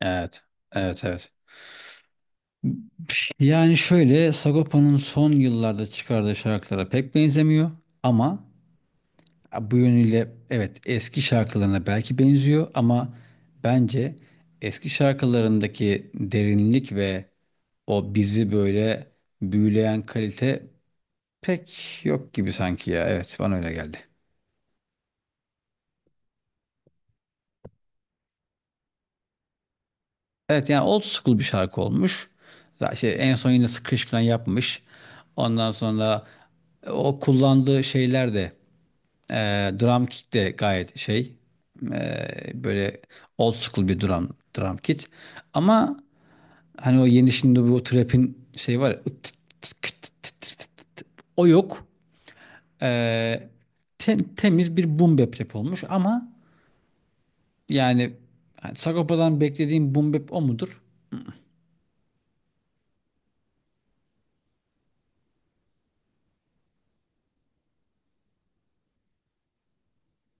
Evet. Evet, evet. Yani şöyle Sagopa'nın son yıllarda çıkardığı şarkılara pek benzemiyor ama bu yönüyle evet eski şarkılarına belki benziyor ama bence eski şarkılarındaki derinlik ve o bizi böyle büyüleyen kalite pek yok gibi sanki ya. Evet, bana öyle geldi. Evet, yani old school bir şarkı olmuş. Zaten en son yine Scratch falan yapmış. Ondan sonra o kullandığı şeyler de drum kit de gayet şey böyle old school bir drum kit. Ama hani o yeni şimdi bu trap'in şey var ya, ıt tıt tıt kıt tıt tıt tıt tıt tıt. O yok. Ee, temiz bir boom bap rap olmuş ama yani, hani Sagopa'dan beklediğim boom bap o mudur?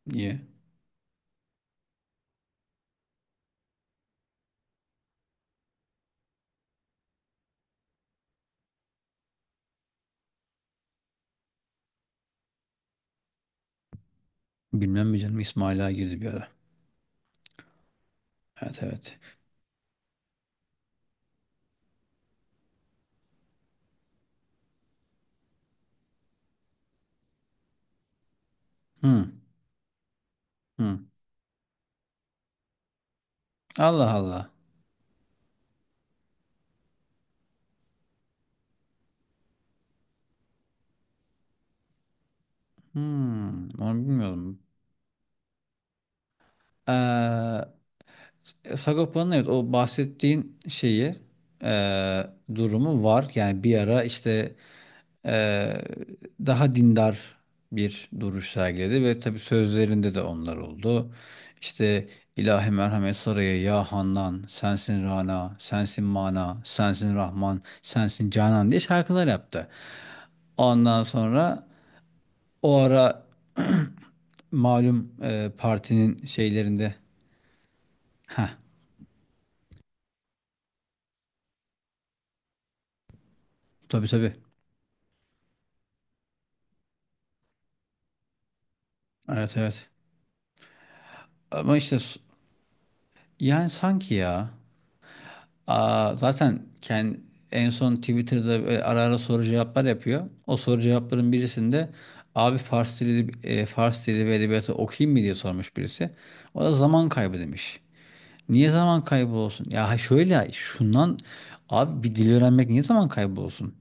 Niye? Bilmem mi canım, İsmail'a girdi bir ara. Evet, evet. Hmm, hmm. Allah Allah. Hmm, onu bilmiyorum. E, Sagopa'nın evet o bahsettiğin şeyi e, durumu var. Yani bir ara işte e, daha dindar bir duruş sergiledi ve tabii sözlerinde de onlar oldu. İşte ilahi merhamet saraya ya Handan, sensin Rana, sensin Mana, sensin Rahman, sensin Canan diye şarkılar yaptı. Ondan sonra o ara malum partinin şeylerinde ha tabii tabii evet evet. Ama işte yani sanki ya zaten kendi, en son Twitter'da böyle ara ara soru cevaplar yapıyor. O soru cevapların birisinde abi Fars dili, Fars dili ve edebiyatı okuyayım mı diye sormuş birisi. O da zaman kaybı demiş. Niye zaman kaybı olsun? Ya şöyle şundan abi bir dil öğrenmek niye zaman kaybı olsun?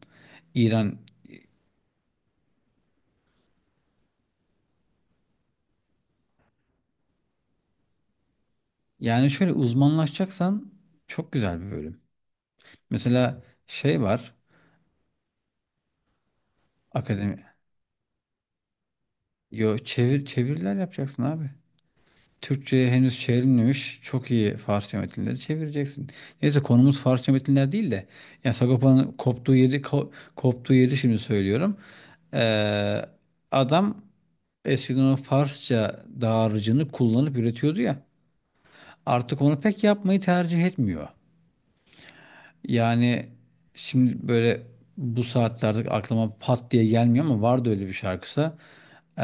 İran yani şöyle uzmanlaşacaksan çok güzel bir bölüm. Mesela şey var akademi. Yo çevir çeviriler yapacaksın abi. Türkçe'ye henüz çevrilmemiş çok iyi Farsça metinleri çevireceksin. Neyse konumuz Farsça metinler değil de yani Sagopa'nın koptuğu yeri koptuğu yeri şimdi söylüyorum. Ee, adam eskiden o Farsça dağarcığını kullanıp üretiyordu ya. Artık onu pek yapmayı tercih etmiyor. Yani şimdi böyle bu saatlerde aklıma pat diye gelmiyor ama vardı öyle bir şarkısı. Ee,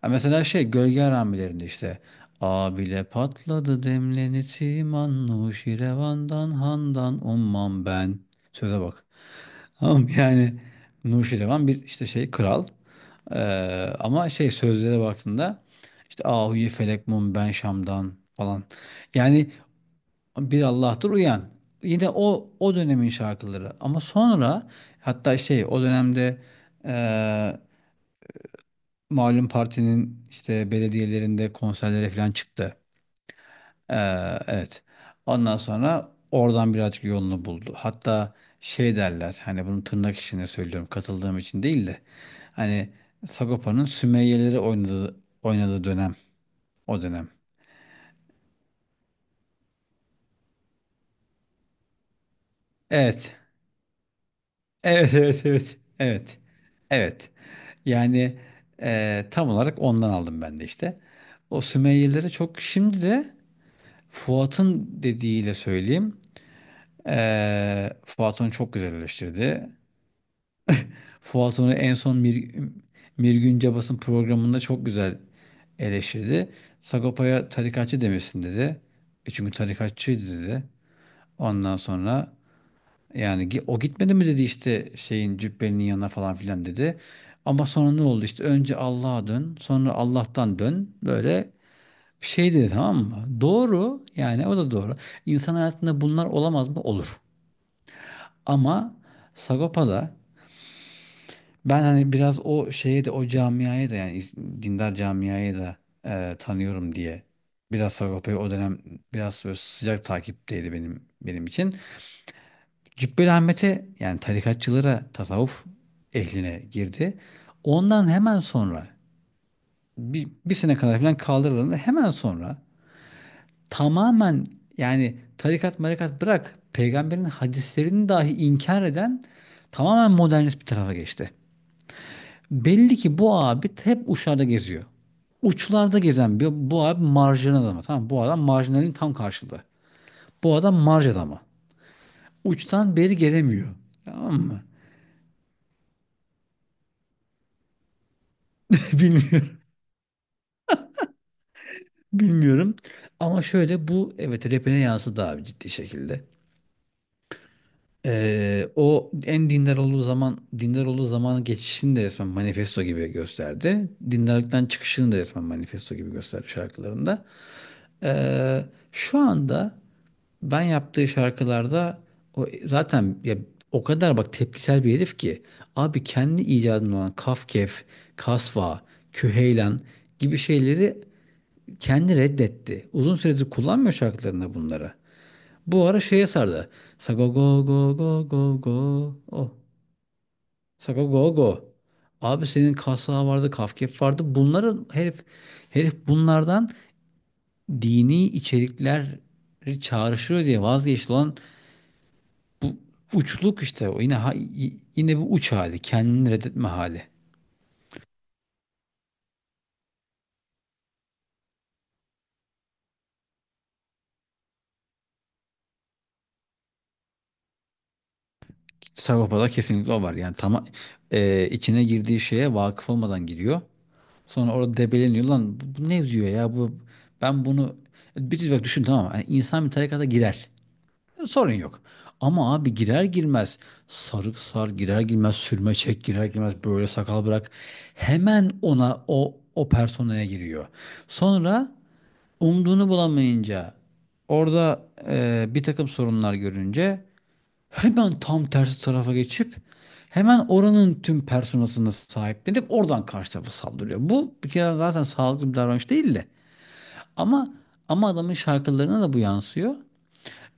Ha, mesela şey gölge haramilerinde işte "Abile patladı demleni timan Nuşi revandan handan ummam ben." Söze bak. Tamam yani Nuşirevan bir işte şey kral. Ee, ama şey sözlere baktığında işte "Ahuyi felek mum ben Şam'dan" falan, yani bir Allah'tır uyan. Yine o o dönemin şarkıları. Ama sonra hatta şey o dönemde eee malum partinin işte belediyelerinde konserlere falan çıktı. Evet. Ondan sonra oradan birazcık yolunu buldu. Hatta şey derler hani bunu tırnak içinde söylüyorum katıldığım için değil de hani Sagopa'nın Sümeyye'leri oynadığı dönem o dönem. Evet. Evet, evet, evet, evet, evet. Yani tam olarak ondan aldım ben de işte. O Sümeyyelilere çok şimdi de Fuat'ın dediğiyle söyleyeyim. Fuat onu çok güzel eleştirdi. Fuat onu en son Mirgün Cabas'ın programında çok güzel eleştirdi. Sagopa'ya tarikatçı demesin dedi. E, çünkü tarikatçıydı dedi. Ondan sonra yani o gitmedi mi dedi işte şeyin cübbenin yanına falan filan dedi. Ama sonra ne oldu işte önce Allah'a dön sonra Allah'tan dön böyle bir şey dedi, tamam mı? Doğru yani o da doğru. İnsan hayatında bunlar olamaz mı? Olur. Ama Sagopa'da ben hani biraz o şeye de o camiaya da yani dindar camiaya da tanıyorum diye biraz Sagopa'yı o dönem biraz böyle sıcak takipteydi benim için. Cübbeli Ahmet'e yani tarikatçılara, tasavvuf ehline girdi. Ondan hemen sonra bir sene kadar falan kaldırıldı. Hemen sonra tamamen yani tarikat marikat bırak peygamberin hadislerini dahi inkar eden tamamen modernist bir tarafa geçti. Belli ki bu abi hep uçlarda geziyor. Uçlarda gezen bir, bu abi marjinal adamı. Tamam bu adam marjinalin tam karşılığı. Bu adam marj adamı. Uçtan beri gelemiyor. Tamam mı? Bilmiyorum. Bilmiyorum. Ama şöyle bu evet rapine yansıdı abi ciddi şekilde. O en dindar olduğu dindar olduğu zamanın geçişini de resmen manifesto gibi gösterdi. Dindarlıktan çıkışını da resmen manifesto gibi gösterdi şarkılarında. Ee, şu anda ben yaptığı şarkılarda o zaten ya o kadar bak tepkisel bir herif ki abi kendi icadında olan Kafkef, Kasva, Küheylan gibi şeyleri kendi reddetti. Uzun süredir kullanmıyor şarkılarında bunları. Bu ara şeye sardı. Sago go go go go go. Oh. Sago go go. Abi senin kasla vardı, Kafkef vardı. Bunları herif bunlardan dini içerikleri çağrıştırıyor diye vazgeçti olan bu uçluk işte. O yine yine bu uç hali, kendini reddetme hali. Sagopa'da kesinlikle o var. Yani tam içine girdiği şeye vakıf olmadan giriyor. Sonra orada debeleniyor. Lan bu ne diyor ya? Bu ben bunu bir bak düşün, tamam mı? Yani insan bir tarikata girer. Sorun yok. Ama abi girer girmez sarık sar, girer girmez sürme çek, girer girmez böyle sakal bırak. Hemen ona o personaya giriyor. Sonra umduğunu bulamayınca orada bir takım sorunlar görünce hemen tam tersi tarafa geçip hemen oranın tüm personasını sahiplenip oradan karşı tarafa saldırıyor. Bu bir kere zaten sağlıklı bir davranış değil de. Ama adamın şarkılarına da bu yansıyor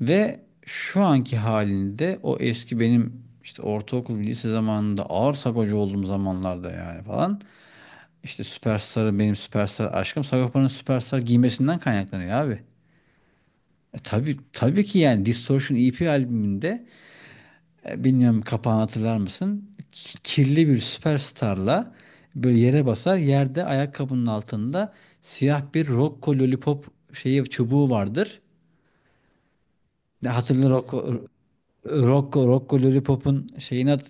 ve şu anki halinde o eski benim işte ortaokul lise zamanında ağır sagocu olduğum zamanlarda yani falan işte Süperstar'ı benim Süperstar aşkım Sagopa'nın Süperstar giymesinden kaynaklanıyor abi. E tabii ki yani Distortion EP albümünde E, bilmiyorum kapağını hatırlar mısın? Kirli bir süperstarla böyle yere basar. Yerde ayakkabının altında siyah bir Rocco Lollipop şeyi çubuğu vardır. Ne hatırla Rocco Rocco Lollipop'un şeyini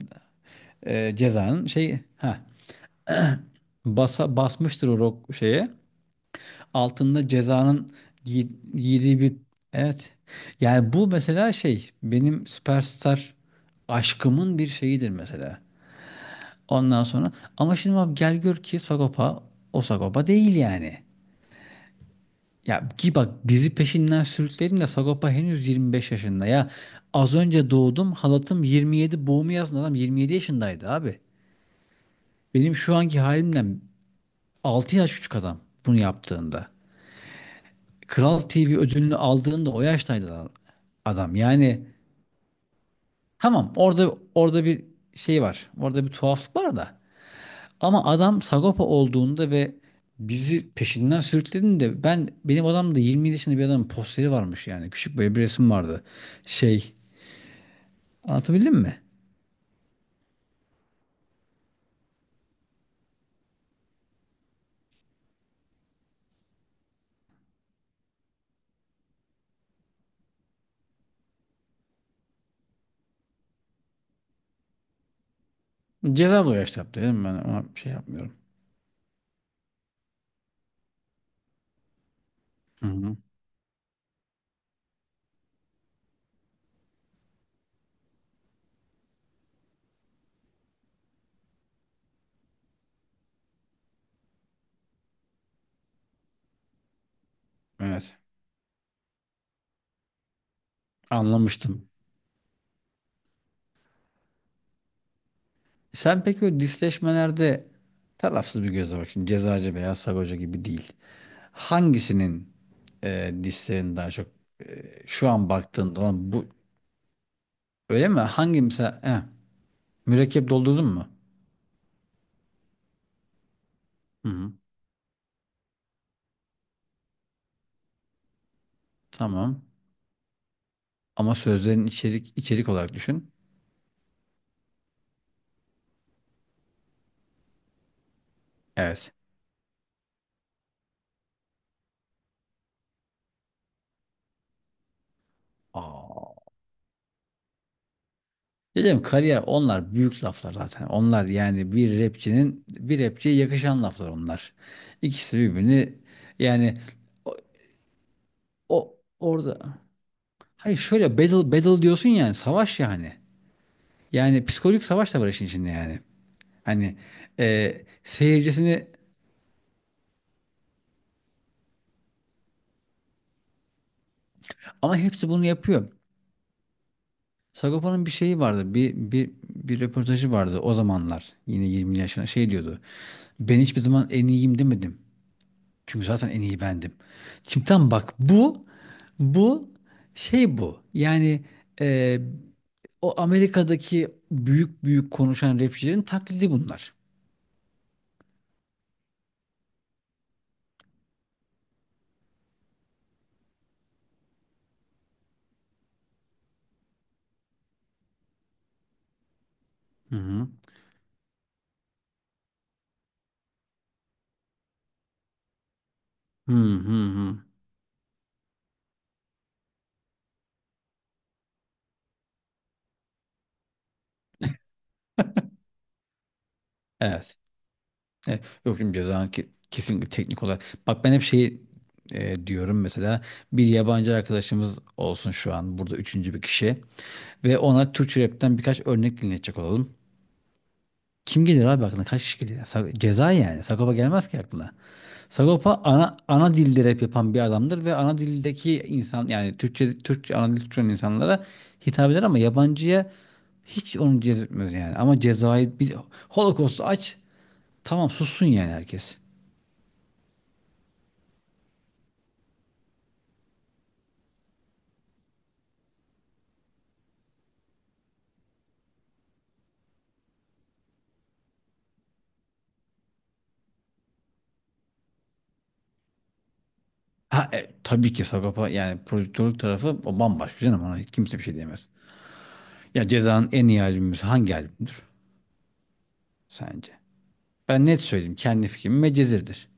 cezanın şey ha basa basmıştır o rock şeye. Altında cezanın giy- giydiği bir evet. Yani bu mesela şey benim süperstar aşkımın bir şeyidir mesela. Ondan sonra ama şimdi abi gel gör ki Sagopa o Sagopa değil yani. Ya ki bak bizi peşinden sürükledin de Sagopa henüz 25 yaşında ya. Az önce doğdum halatım 27 boğumu yazın adam 27 yaşındaydı abi. Benim şu anki halimden 6 yaş küçük adam bunu yaptığında. Kral TV ödülünü aldığında o yaştaydı adam. Adam yani tamam orada bir şey var. Orada bir tuhaflık var da. Ama adam Sagopa olduğunda ve bizi peşinden sürüklediğinde ben benim odamda 20 yaşında bir adamın posteri varmış yani. Küçük böyle bir resim vardı. Şey, anlatabildim mi? Ceza da yaşta yaptı dedim ben ama bir şey yapmıyorum. Hı hı. Evet. Anlamıştım. Sen peki o disleşmelerde tarafsız bir gözle bak şimdi cezacı veya sagoca gibi değil. Hangisinin dislerini daha çok şu an baktığında olan bu öyle mi? Hangi mesela mürekkep doldurdun mu? Hı hı. Tamam. Ama sözlerin içerik olarak düşün. Evet. Aa. Dedim kariyer, onlar büyük laflar zaten. Onlar yani bir rapçinin bir rapçiye yakışan laflar onlar. İkisi birbirini yani o, orada hayır şöyle battle diyorsun yani savaş yani. Yani psikolojik savaş da var işin içinde yani. Hani e, seyircisini ama hepsi bunu yapıyor. Sagopa'nın bir şeyi vardı. Bir röportajı vardı o zamanlar. Yine 20 yaşına şey diyordu. Ben hiçbir zaman en iyiyim demedim. Çünkü zaten en iyi bendim. Şimdi tam bak bu şey bu. Yani e, o Amerika'daki büyük büyük konuşan rapçilerin taklidi bunlar. Hı hı. Hı hı hı. Evet. Evet. Yok şimdi cezanın kesinlikle teknik olarak. Bak ben hep şey diyorum mesela bir yabancı arkadaşımız olsun şu an burada üçüncü bir kişi ve ona Türkçe rapten birkaç örnek dinletecek olalım. Kim gelir abi aklına? Kaç kişi gelir ya? Ceza yani. Sagopa gelmez ki aklına. Sagopa ana dilde rap yapan bir adamdır ve ana dildeki insan yani Türkçe ana dil Türkçe olan insanlara hitap eder ama yabancıya hiç onu cezbetmez yani. Ama cezayı bir Holocaust'u aç. Tamam sussun yani herkes. Ha, tabii ki Sagopa yani prodüktörlük tarafı o bambaşka canım, ona kimse bir şey diyemez. Ya Ceza'nın en iyi albümü hangi albümdür sence? Ben net söyleyeyim, kendi fikrim Medcezir'dir.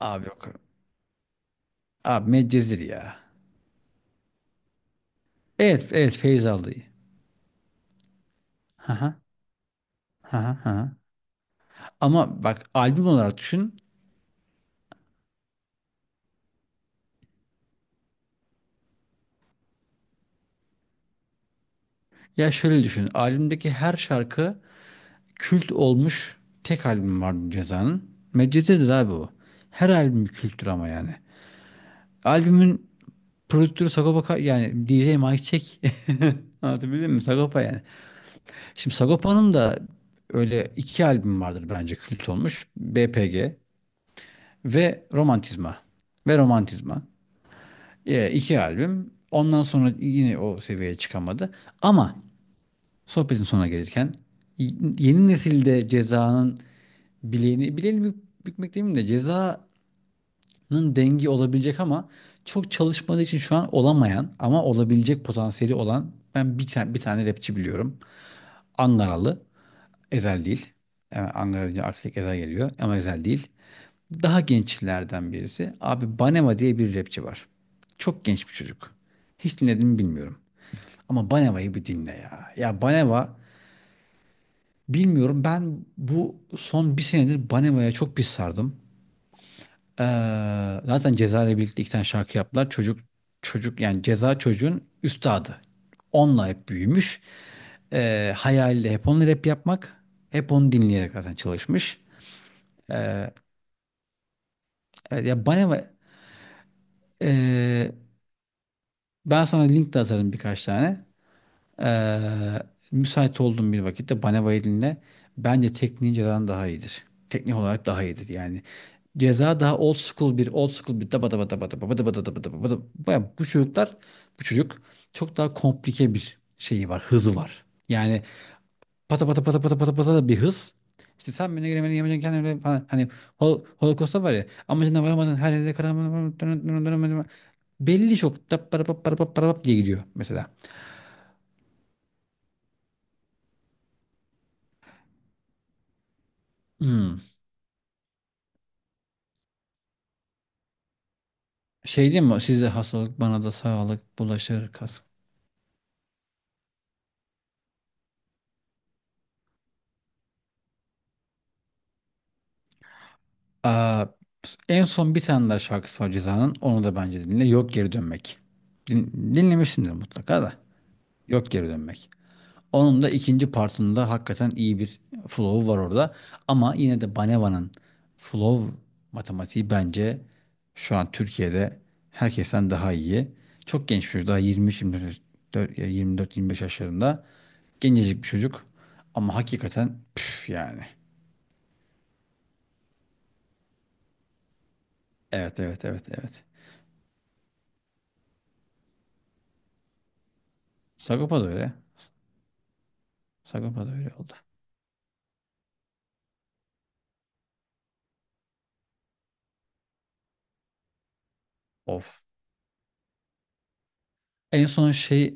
Abi yok. Abi Medcezir ya. Evet, evet Feyz aldı. Haha, haha, haha. Ama bak albüm olarak düşün. Ya şöyle düşün. Albümdeki her şarkı kült olmuş tek albüm vardı Ceza'nın. Medcezir'dir abi o. Her albüm bir kültür ama yani. Albümün prodüktörü Sagopa yani DJ Mike Check. Anlatabildim mi? Sagopa yani. Şimdi Sagopa'nın da öyle iki albüm vardır bence kült olmuş. BPG ve Romantizma. Ve Romantizma. E, iki albüm. Ondan sonra yine o seviyeye çıkamadı. Ama sohbetin sonuna gelirken y- yeni nesilde Ceza'nın bileğini, bükmek demeyeyim de Ceza'nın dengi olabilecek ama çok çalışmadığı için şu an olamayan ama olabilecek potansiyeli olan ben bir tane rapçi biliyorum. Angaralı. Ezel değil. Yani Ankara deyince artık Ezel geliyor ama Ezel değil. Daha gençlerden birisi. Abi Banema diye bir rapçi var. Çok genç bir çocuk. Hiç dinledim mi bilmiyorum. Ama Baneva'yı bir dinle ya. Ya Baneva bilmiyorum, ben bu son bir senedir Baneva'ya çok bir sardım. Zaten Ceza ile birlikte iki tane şarkı yaptılar. Çocuk yani Ceza çocuğun üstadı. Onunla hep büyümüş. Hayali de hep onunla rap yapmak. Hep onu dinleyerek zaten çalışmış. Evet, ya Baneva e, ben sana link de atarım birkaç tane. Ee, müsait olduğum bir vakitte bana violinle bence tekniğin cezadan daha iyidir. Teknik olarak daha iyidir yani. Ceza daha old school bir daba daba daba daba daba daba daba daba daba. Baya bu çocuklar bu çocuk çok daha komplike bir şeyi var hızı var. Yani pata pata pata pata pata pata da bir hız. İşte sen beni giremedin yemeyeceksin kendin öyle falan. Hani Holocaust'ta var ya, amacına varamadın, her yerde karamadın belli, çok da para para para para diye gidiyor mesela. Hmm. Şey değil mi? Size hastalık bana da sağlık bulaşır kas. Aa, en son bir tane daha şarkısı var Ceza'nın. Onu da bence dinle. Yok Geri Dönmek. Dinlemişsindir mutlaka da. Yok Geri Dönmek. Onun da ikinci partında hakikaten iyi bir flow var orada. Ama yine de Baneva'nın flow matematiği bence şu an Türkiye'de herkesten daha iyi. Çok genç bir çocuk daha, 23-24 ya 24-25 yaşlarında. Gencecik bir çocuk ama hakikaten püf yani. Evet, evet, evet, evet. Sagopa da öyle. Sagopa da öyle oldu. Of. En son şey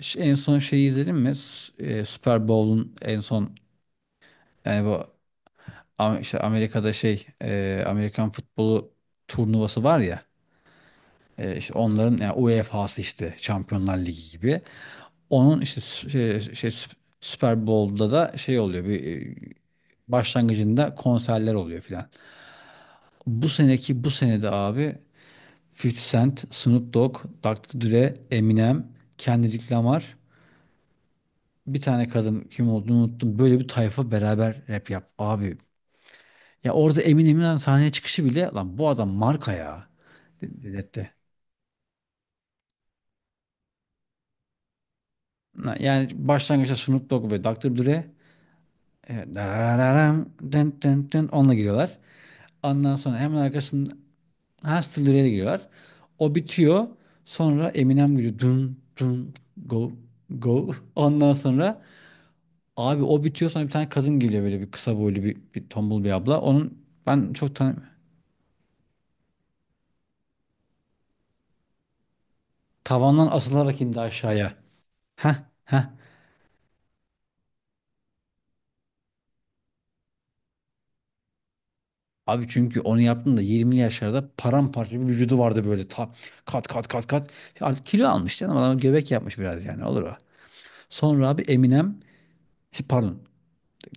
en son şeyi izledin mi? Super Bowl'un en son, yani bu, işte Amerika'da Amerikan futbolu turnuvası var ya, işte onların yani UEFA'sı, işte Şampiyonlar Ligi gibi. Onun işte sü- şey, şey Sü- Super Bowl'da da şey oluyor, bir e, başlangıcında konserler oluyor filan. Bu seneki, bu senede abi, 50 Cent, Snoop Dogg, Doktor Dre, Eminem, Kendrick Lamar, bir tane kadın kim olduğunu unuttum. Böyle bir tayfa beraber rap yap. Abi, ya orada Eminem'in sahneye çıkışı bile, "Lan, bu adam marka ya," dedirtti. Yani başlangıçta Snoop Dogg ve Doktor Dre, dararararam, dın dın dın, onunla giriyorlar. Ondan sonra hemen arkasından, ha, Still Dre'yle giriyorlar. O bitiyor. Sonra Eminem giriyor. Dun dun go go. Ondan sonra abi o bitiyor, sonra bir tane kadın geliyor, böyle bir kısa boylu, bir tombul bir abla. Onun ben çok tavandan asılarak indi aşağıya. Heh, heh. Abi çünkü onu yaptığımda 20'li yaşlarda, paramparça bir vücudu vardı, böyle ta, kat kat kat kat. Artık kilo almış canım adam, göbek yapmış biraz, yani olur o. Sonra abi Eminem, pardon,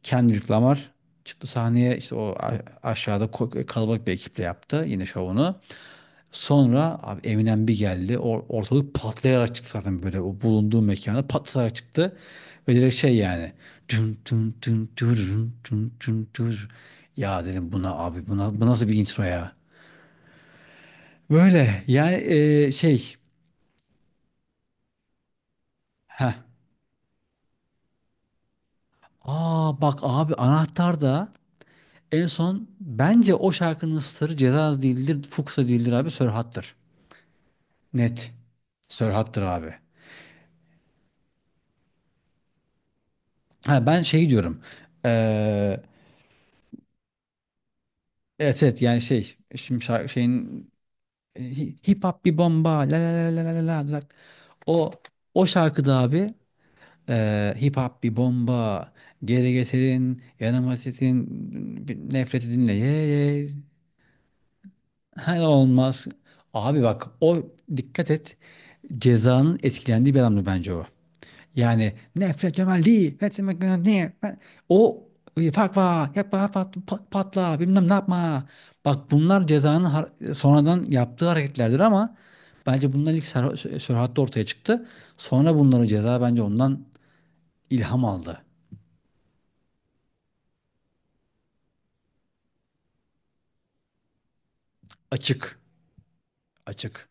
Kendrick Lamar çıktı sahneye, işte o, aşağıda kalabalık bir ekiple yaptı yine şovunu. Sonra abi Eminem bir geldi, ortalık patlayarak çıktı, zaten böyle o bulunduğu mekana patlayarak çıktı. Ve direkt şey yani, tüm tüm tüm tüm tüm tüm tüm. Ya dedim, "Buna abi, buna, bu nasıl bir intro ya?" Böyle yani e, şey heh. Aa bak abi, anahtar da en son, bence o şarkının sırrı Ceza değildir, Fuchsia değildir, abi Sörhat'tır. Net. Sörhat'tır abi. Ha, ben şey diyorum. Eee evet, evet, yani şey şimdi, şarkı şeyin, hip hop bir bomba, la la la la la la la. O o şarkıda abi, hip hop bir bomba geri getirin yanıma, sitin nefreti dinle, ye ye. He, olmaz. Abi bak, o, dikkat et. Ceza'nın etkilendiği bir adamdı bence o. Yani nefret temelli, nefret temelli, o fakva, yapma, pat, patla, bilmem ne yapma. Bak bunlar Ceza'nın sonradan yaptığı hareketlerdir, ama bence bunlar ilk Serhat'ta ortaya çıktı. Sonra bunların Ceza bence ondan ilham aldı. Açık, açık.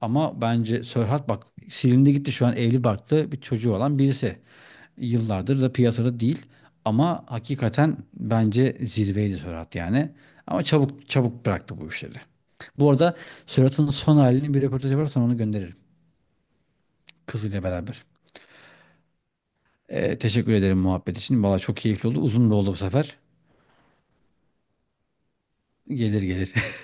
Ama bence Sörhat bak, silindi gitti, şu an evli barklı bir çocuğu olan birisi. Yıllardır da piyasada değil. Ama hakikaten bence zirveydi Sörhat yani. Ama çabuk çabuk bıraktı bu işleri. Bu arada Sörhat'ın son halini, bir röportaj yaparsan onu gönderirim. Kızıyla beraber. Teşekkür ederim muhabbet için. Valla çok keyifli oldu. Uzun da oldu bu sefer. Gelir, gelir.